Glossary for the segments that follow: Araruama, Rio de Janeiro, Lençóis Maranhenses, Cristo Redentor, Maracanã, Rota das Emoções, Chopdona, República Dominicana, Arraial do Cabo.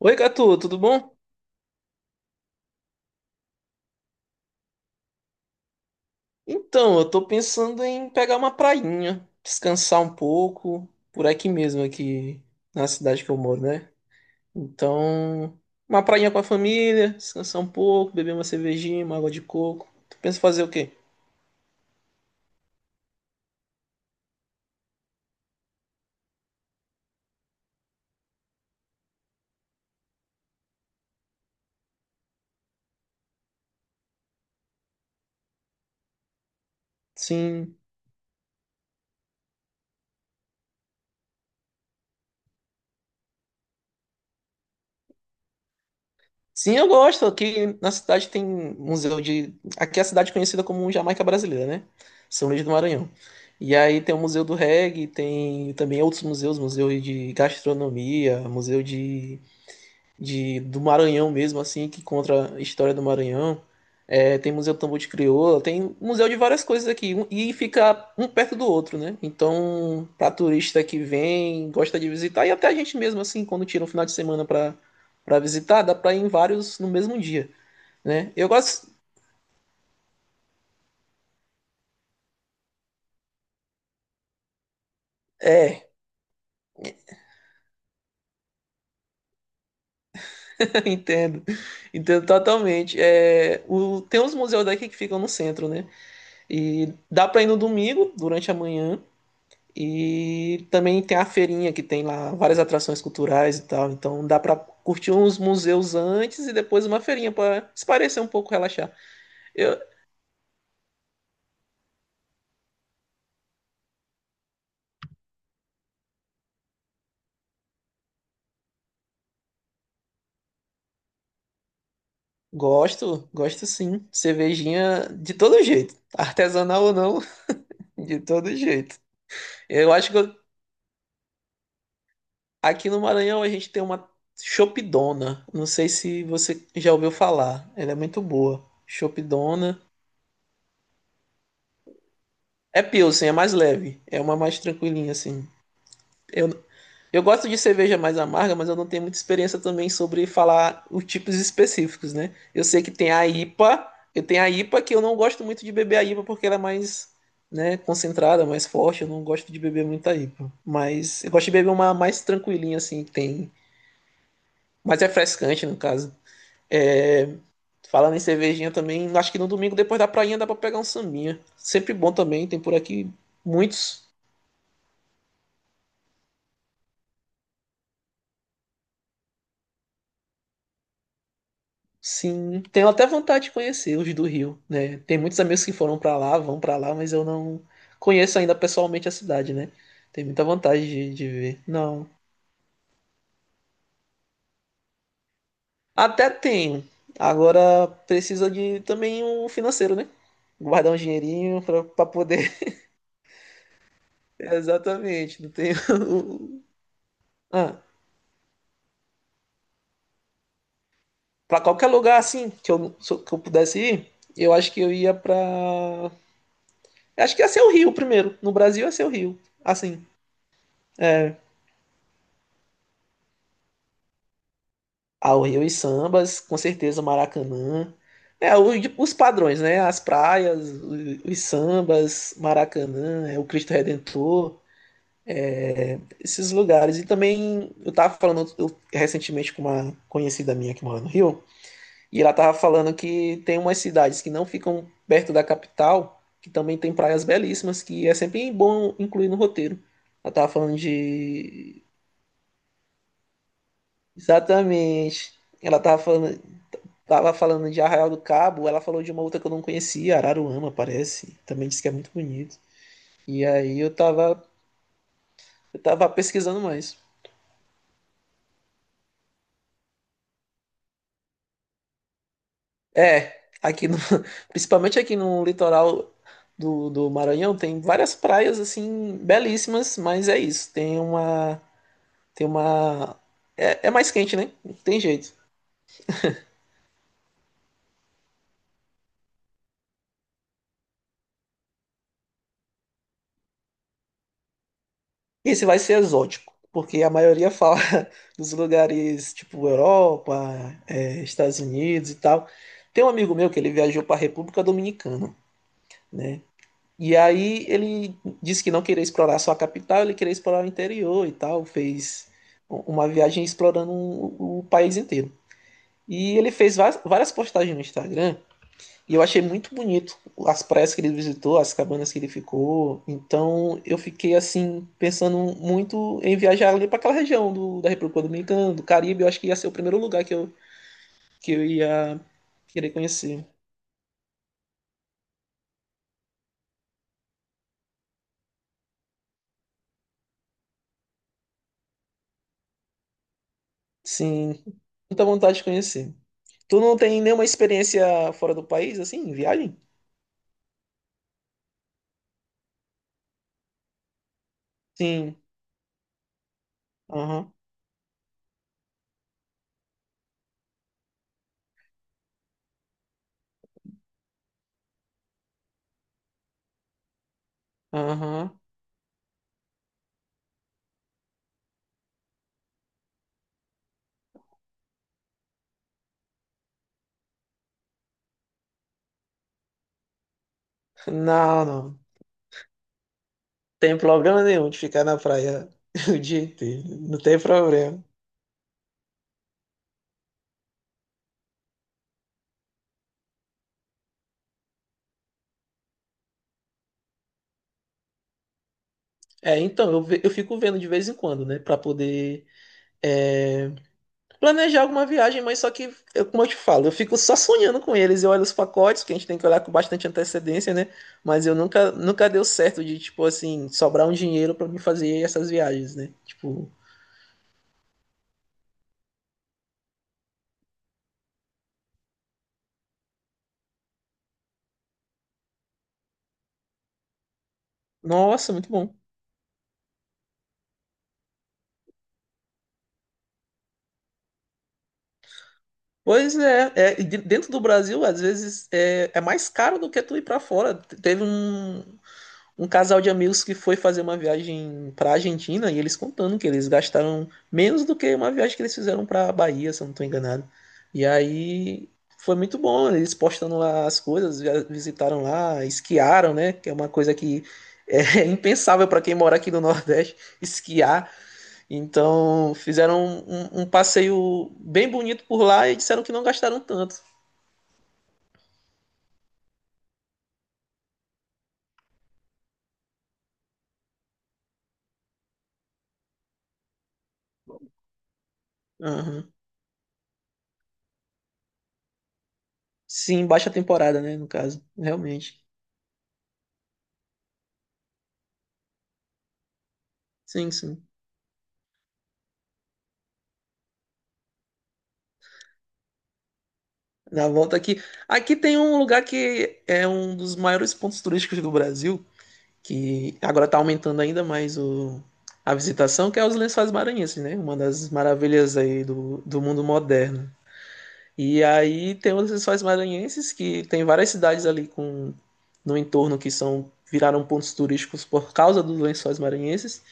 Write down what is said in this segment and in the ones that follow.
Oi, Gatu, tudo bom? Então, eu tô pensando em pegar uma prainha, descansar um pouco, por aqui mesmo, aqui na cidade que eu moro, né? Então, uma prainha com a família, descansar um pouco, beber uma cervejinha, uma água de coco. Tu pensa em fazer o quê? Sim. Sim, eu gosto. Aqui na cidade tem museu de. Aqui é a cidade conhecida como Jamaica Brasileira, né? São Luís do Maranhão. E aí tem o Museu do Reggae, tem também outros museus, museu de gastronomia, museu de do Maranhão mesmo, assim, que conta a história do Maranhão. É, tem Museu do Tambor de Crioula, tem museu de várias coisas aqui, e fica um perto do outro, né? Então, para turista que vem, gosta de visitar, e até a gente mesmo, assim, quando tira um final de semana para visitar, dá para ir em vários no mesmo dia, né? Eu gosto. É, entendo. Entendo totalmente. É, tem uns museus daqui que ficam no centro, né? E dá para ir no domingo, durante a manhã. E também tem a feirinha que tem lá várias atrações culturais e tal. Então dá pra curtir uns museus antes e depois uma feirinha pra se parecer um pouco, relaxar. Eu gosto, gosto sim. Cervejinha de todo jeito, artesanal ou não, de todo jeito. Eu acho que eu- Aqui no Maranhão a gente tem uma Chopdona. Não sei se você já ouviu falar. Ela é muito boa. Chopdona. É Pilsen, é mais leve. É uma mais tranquilinha assim. Eu, Eu gosto de cerveja mais amarga, mas eu não tenho muita experiência também sobre falar os tipos específicos, né? Eu sei que tem a IPA, eu tenho a IPA que eu não gosto muito de beber a IPA porque ela é mais, né, concentrada, mais forte, eu não gosto de beber muita IPA. Mas eu gosto de beber uma mais tranquilinha assim, que tem, mais refrescante no caso. É, falando em cervejinha também, acho que no domingo depois da prainha dá pra pegar um sambinha. Sempre bom também, tem por aqui muitos. Sim, tenho até vontade de conhecer os do Rio, né? Tem muitos amigos que foram pra lá, vão pra lá, mas eu não conheço ainda pessoalmente a cidade, né? Tenho muita vontade de ver. Não. Até tenho. Agora precisa de também um financeiro, né? Guardar um dinheirinho pra poder. Exatamente. Não tenho. Ah, pra qualquer lugar assim que que eu pudesse ir, eu acho que eu ia pra. Acho que ia ser o Rio primeiro. No Brasil ia ser o Rio. Assim. É. Ao Rio e sambas, com certeza o Maracanã. É, os padrões, né? As praias, os sambas, Maracanã, é, o Cristo Redentor, esses lugares. E também eu tava falando recentemente com uma conhecida minha que mora no Rio, e ela tava falando que tem umas cidades que não ficam perto da capital, que também tem praias belíssimas, que é sempre bom incluir no roteiro. Ela tava falando de. Exatamente. Ela tava falando Tava falando de Arraial do Cabo, ela falou de uma outra que eu não conhecia, Araruama, parece. Também disse que é muito bonito. E aí eu tava pesquisando mais. É, aqui no, principalmente aqui no litoral do Maranhão tem várias praias assim belíssimas, mas é isso. Tem uma, é mais quente, né? Não tem jeito. Esse vai ser exótico, porque a maioria fala dos lugares tipo Europa, Estados Unidos e tal. Tem um amigo meu que ele viajou para a República Dominicana, né? E aí ele disse que não queria explorar só a capital, ele queria explorar o interior e tal. Fez uma viagem explorando o país inteiro. E ele fez várias postagens no Instagram e eu achei muito bonito as praias que ele visitou, as cabanas que ele ficou. Então eu fiquei assim, pensando muito em viajar ali para aquela região do, da República Dominicana, do Caribe. Eu acho que ia ser o primeiro lugar que eu ia querer conhecer. Sim, muita vontade de conhecer. Tu não tem nenhuma experiência fora do país, assim, em viagem? Sim. Aham, aham. Não, não. Tem problema nenhum de ficar na praia o dia inteiro. Não tem problema. É, então, eu fico vendo de vez em quando, né? Pra poder é, planejar alguma viagem, mas só que, como eu te falo, eu fico só sonhando com eles. Eu olho os pacotes, que a gente tem que olhar com bastante antecedência, né? Mas eu nunca, nunca deu certo de, tipo assim, sobrar um dinheiro pra mim fazer essas viagens, né? Tipo, nossa, muito bom. Pois é, é, e dentro do Brasil, às vezes, é, é mais caro do que tu ir pra fora. Teve um casal de amigos que foi fazer uma viagem para a Argentina e eles contando que eles gastaram menos do que uma viagem que eles fizeram para a Bahia, se eu não estou enganado. E aí foi muito bom, eles postando lá as coisas, visitaram lá, esquiaram, né? Que é uma coisa que é impensável para quem mora aqui no Nordeste, esquiar. Então fizeram um, um passeio bem bonito por lá e disseram que não gastaram tanto. Aham. Sim, baixa temporada, né? No caso, realmente. Sim, sim. Na volta aqui. Aqui tem um lugar que é um dos maiores pontos turísticos do Brasil, que agora está aumentando ainda mais a visitação, que é os Lençóis Maranhenses, né? Uma das maravilhas aí do mundo moderno. E aí tem os Lençóis Maranhenses, que tem várias cidades ali no entorno que são viraram pontos turísticos por causa dos Lençóis Maranhenses.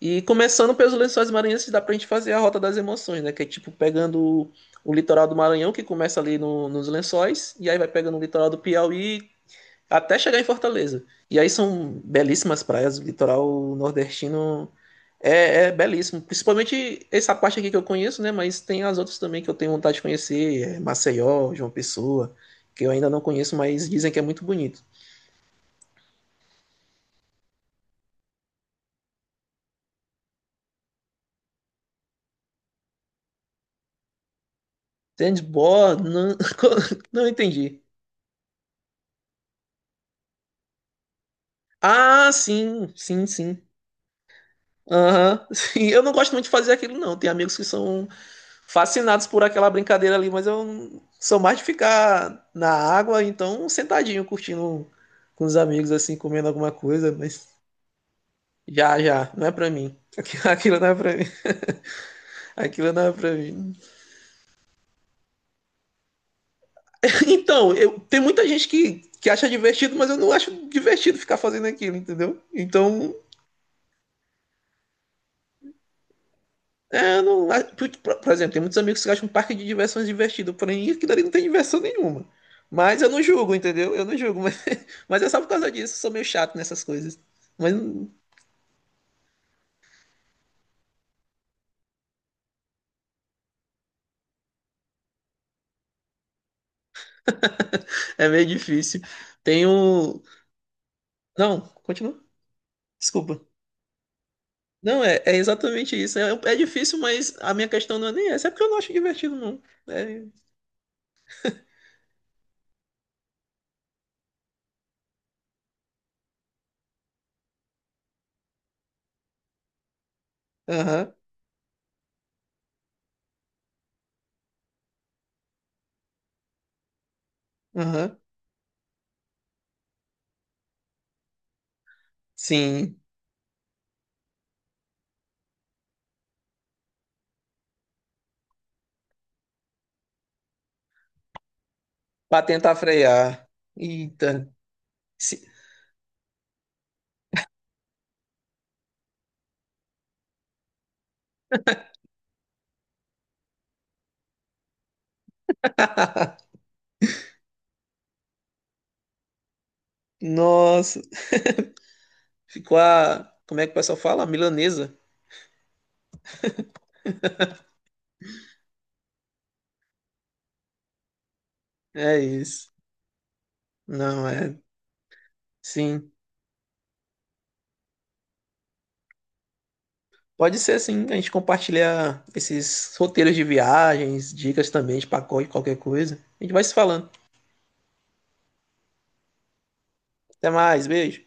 E começando pelos Lençóis Maranhenses, dá pra gente fazer a Rota das Emoções, né? Que é tipo pegando o litoral do Maranhão, que começa ali nos Lençóis, e aí vai pegando o litoral do Piauí até chegar em Fortaleza. E aí são belíssimas praias, o litoral nordestino é belíssimo. Principalmente essa parte aqui que eu conheço, né? Mas tem as outras também que eu tenho vontade de conhecer, é Maceió, João Pessoa, que eu ainda não conheço, mas dizem que é muito bonito. Sandboard, não, não entendi. Ah, sim, sim, sim. Aham, sim. Eu não gosto muito de fazer aquilo, não. Tem amigos que são fascinados por aquela brincadeira ali, mas eu não- sou mais de ficar na água, então sentadinho, curtindo com os amigos, assim, comendo alguma coisa, mas já, já, não é pra mim. Aquilo não é pra mim. Aquilo não é pra mim. Então, eu, tem muita gente que acha divertido, mas eu não acho divertido ficar fazendo aquilo, entendeu? Então, é, não, por exemplo, tem muitos amigos que acham um parque de diversões divertido, porém aquilo ali não tem diversão nenhuma. Mas eu não julgo, entendeu? Eu não julgo, mas, mas é só por causa disso, eu sou meio chato nessas coisas. Mas não- É meio difícil. Tem um. Não, continua. Desculpa. Não, é exatamente isso. É difícil, mas a minha questão não é nem essa, é porque eu não acho divertido, não. É. Aham, aham. Sim. Pra tentar frear. Eita. Se- Nossa. Ficou a. Como é que o pessoal fala? A milanesa. É isso. Não, é. Sim. Pode ser sim, a gente compartilhar esses roteiros de viagens, dicas também de pacote, qualquer coisa. A gente vai se falando. Até mais, beijo.